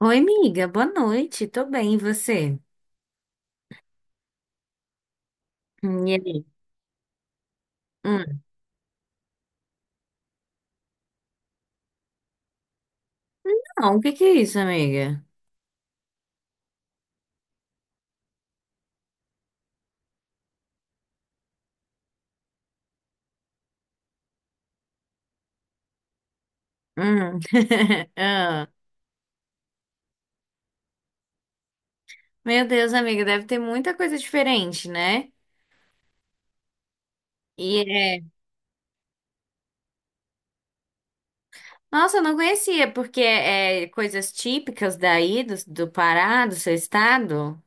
Oi, amiga, boa noite. Tô bem, e você? E aí? Hum. Não, o que que é isso, amiga? Hum. Ah. Meu Deus, amiga, deve ter muita coisa diferente, né? E é... Nossa, eu não conhecia, porque é coisas típicas daí, do Pará, do seu estado?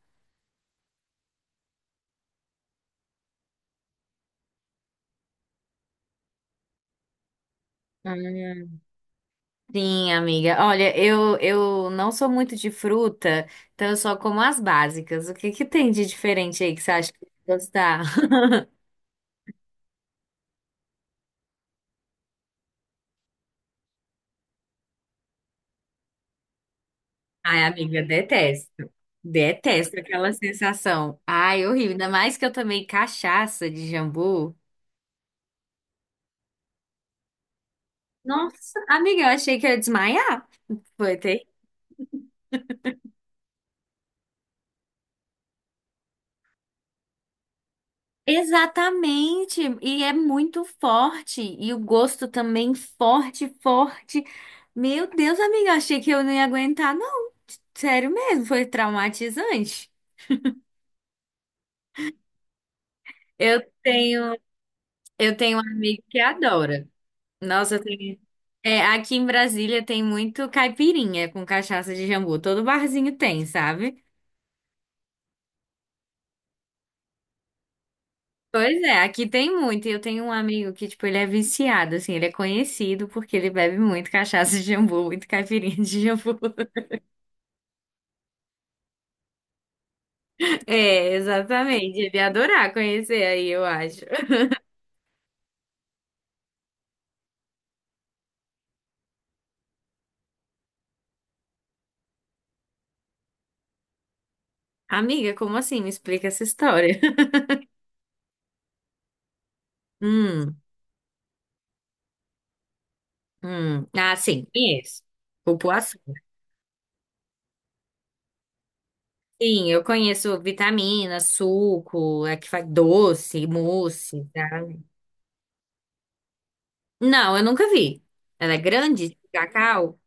Hum. Sim, amiga. Olha, eu não sou muito de fruta, então eu só como as básicas. O que que tem de diferente aí que você acha que eu vou gostar? Ai, amiga, detesto. Detesto aquela sensação. Ai, horrível. Ainda mais que eu tomei cachaça de jambu. Nossa, amiga, eu achei que eu ia desmaiar. Foi ter. Exatamente. E é muito forte. E o gosto também forte, forte. Meu Deus, amiga, eu achei que eu não ia aguentar, não. Sério mesmo, foi traumatizante. Eu tenho, eu tenho um amigo que adora. Nossa, tem. É, aqui em Brasília tem muito caipirinha com cachaça de jambu. Todo barzinho tem, sabe? Pois é, aqui tem muito. E eu tenho um amigo que, tipo, ele é viciado, assim, ele é conhecido porque ele bebe muito cachaça de jambu, muito caipirinha de jambu. É, exatamente. Ele ia adorar conhecer aí, eu acho. Amiga, como assim? Me explica essa história. Hum, hum. Ah, sim, conheço. Cupuaçu. Sim, eu conheço vitamina, suco, é que faz doce, mousse, tá? Não, eu nunca vi. Ela é grande, de cacau?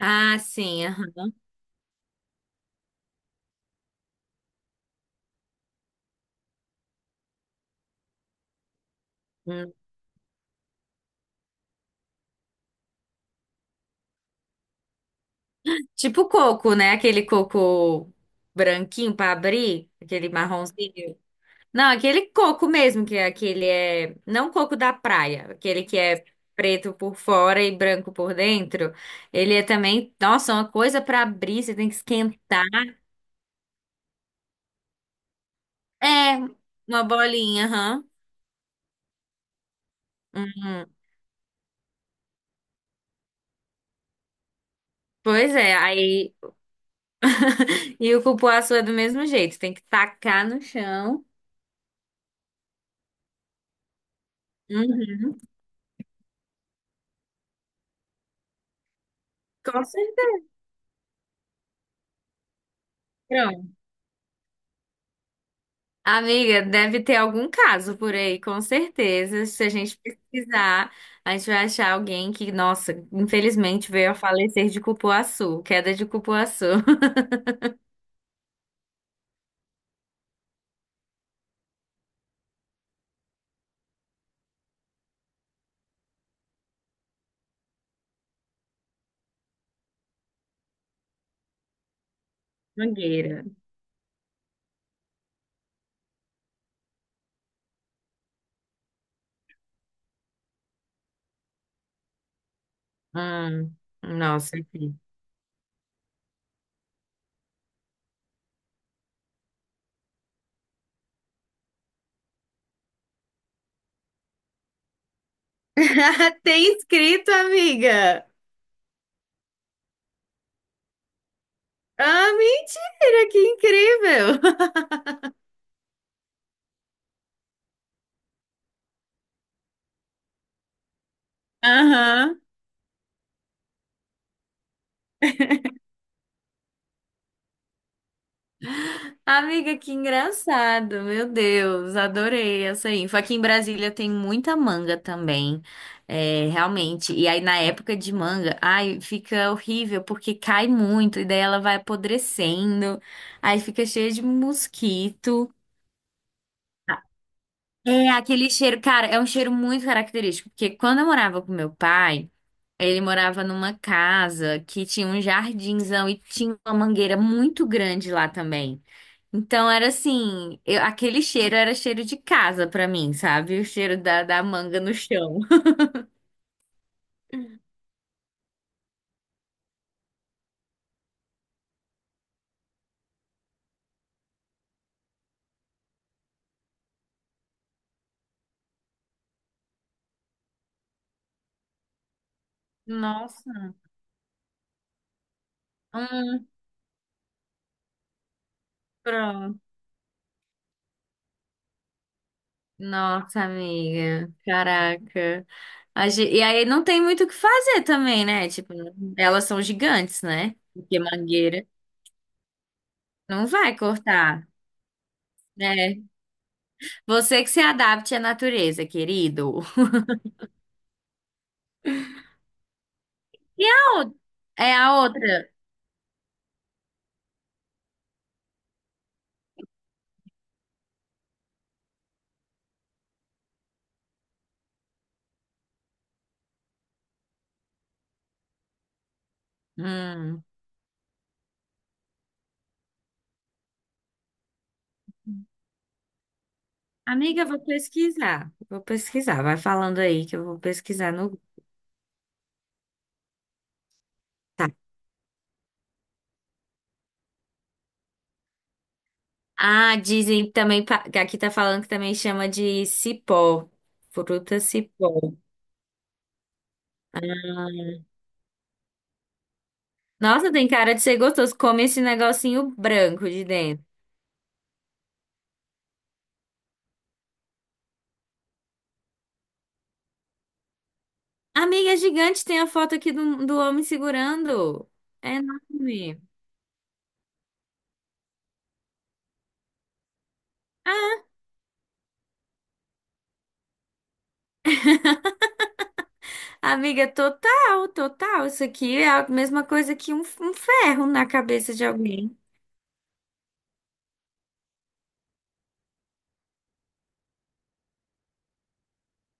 Ah, sim, aham. Hum. Tipo coco, né? Aquele coco branquinho para abrir, aquele marronzinho. Não, aquele coco mesmo, que é aquele é. Não coco da praia, aquele que é preto por fora e branco por dentro. Ele é também, nossa, uma coisa para abrir, você tem que esquentar. É, uma bolinha, aham. Uhum. Pois é, aí. E o cupuaçu é do mesmo jeito, tem que tacar no chão. Uhum. Com certeza. Pronto. Amiga, deve ter algum caso por aí, com certeza. Se a gente pesquisar, a gente vai achar alguém que, nossa, infelizmente veio a falecer de cupuaçu, queda de cupuaçu. Mangueira. Hum, nossa, aqui. Tem escrito, amiga. Ah, mentira, que incrível. Aham. Amiga, que engraçado, meu Deus, adorei essa info. Aqui em Brasília tem muita manga também, é, realmente. E aí na época de manga, ai, fica horrível porque cai muito e daí ela vai apodrecendo, aí fica cheia de mosquito. É, aquele cheiro, cara, é um cheiro muito característico, porque quando eu morava com meu pai, ele morava numa casa que tinha um jardinzão e tinha uma mangueira muito grande lá também. Então era assim, aquele cheiro era cheiro de casa pra mim, sabe? O cheiro da manga no chão. Nossa, hum, pronto. Nossa, amiga, caraca. E aí não tem muito o que fazer também, né? Tipo, elas são gigantes, né? Porque mangueira não vai cortar, né? Você que se adapte à natureza, querido. ou- É a outra. Hum. Amiga, eu vou pesquisar. Vou pesquisar. Vai falando aí que eu vou pesquisar no. Tá. Ah, dizem também. Pa- que Aqui tá falando que também chama de cipó. Fruta cipó. Nossa, tem cara de ser gostoso. Come esse negocinho branco de dentro. Amiga, é gigante. Tem a foto aqui do homem segurando. É enorme. Ah, amiga, total, total. Isso aqui é a mesma coisa que um ferro na cabeça de alguém.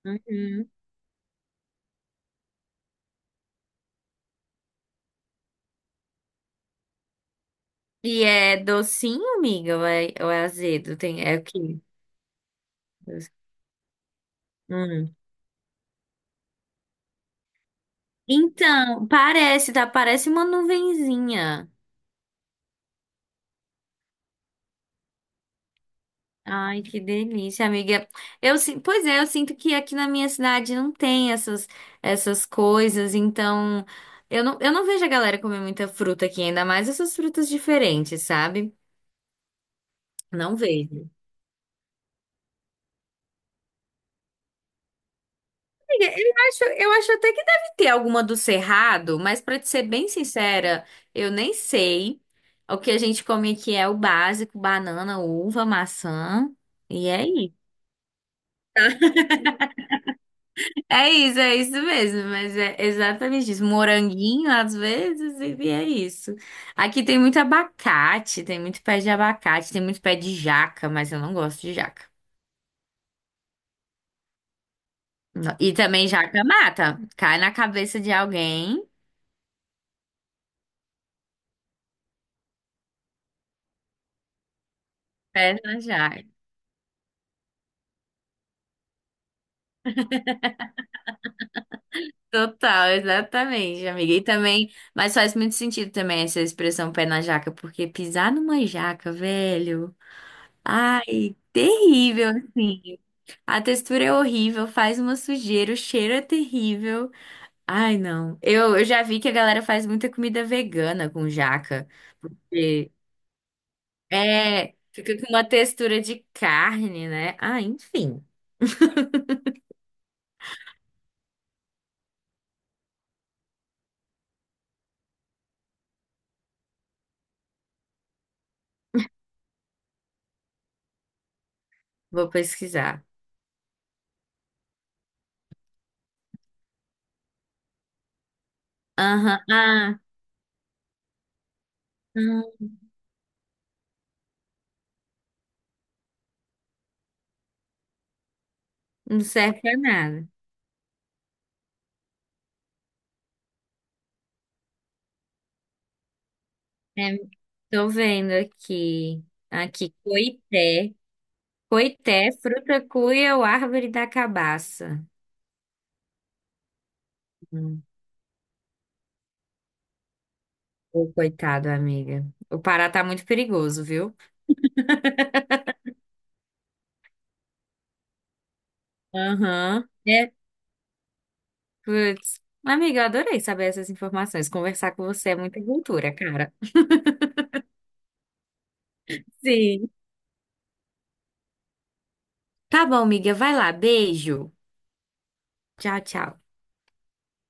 Uhum. E é docinho, amiga? Ou ou é azedo? Tem, é o quê? Hum. Então, parece, tá? Parece uma nuvenzinha. Ai, que delícia, amiga. Pois é, eu sinto que aqui na minha cidade não tem essas, essas coisas, então eu não vejo a galera comer muita fruta aqui, ainda mais essas frutas diferentes, sabe? Não vejo. Eu eu acho até que deve ter alguma do Cerrado, mas pra te ser bem sincera, eu nem sei. O que a gente come aqui é o básico, banana, uva, maçã, e é isso. É isso mesmo, mas é exatamente isso. Moranguinho, às vezes, e é isso. Aqui tem muito abacate, tem muito pé de abacate, tem muito pé de jaca, mas eu não gosto de jaca. Não. E também jaca mata, cai na cabeça de alguém, pé na jaca. Total, exatamente, amiga. E também, mas faz muito sentido também essa expressão pé na jaca, porque pisar numa jaca, velho, ai, terrível, assim. A textura é horrível, faz uma sujeira, o cheiro é terrível. Ai, não. Eu já vi que a galera faz muita comida vegana com jaca. E é, fica com uma textura de carne, né? Ah, enfim, vou pesquisar. Aham, ah, hum, não serve pra nada. É, tô vendo aqui. Aqui, coité. Coité, fruta cuia ou árvore da cabaça. Hum. Ô, coitado, amiga. O Pará tá muito perigoso, viu? Aham. É, putz. Amiga, eu adorei saber essas informações. Conversar com você é muita cultura, cara. Sim. Tá bom, amiga. Vai lá. Beijo. Tchau, tchau.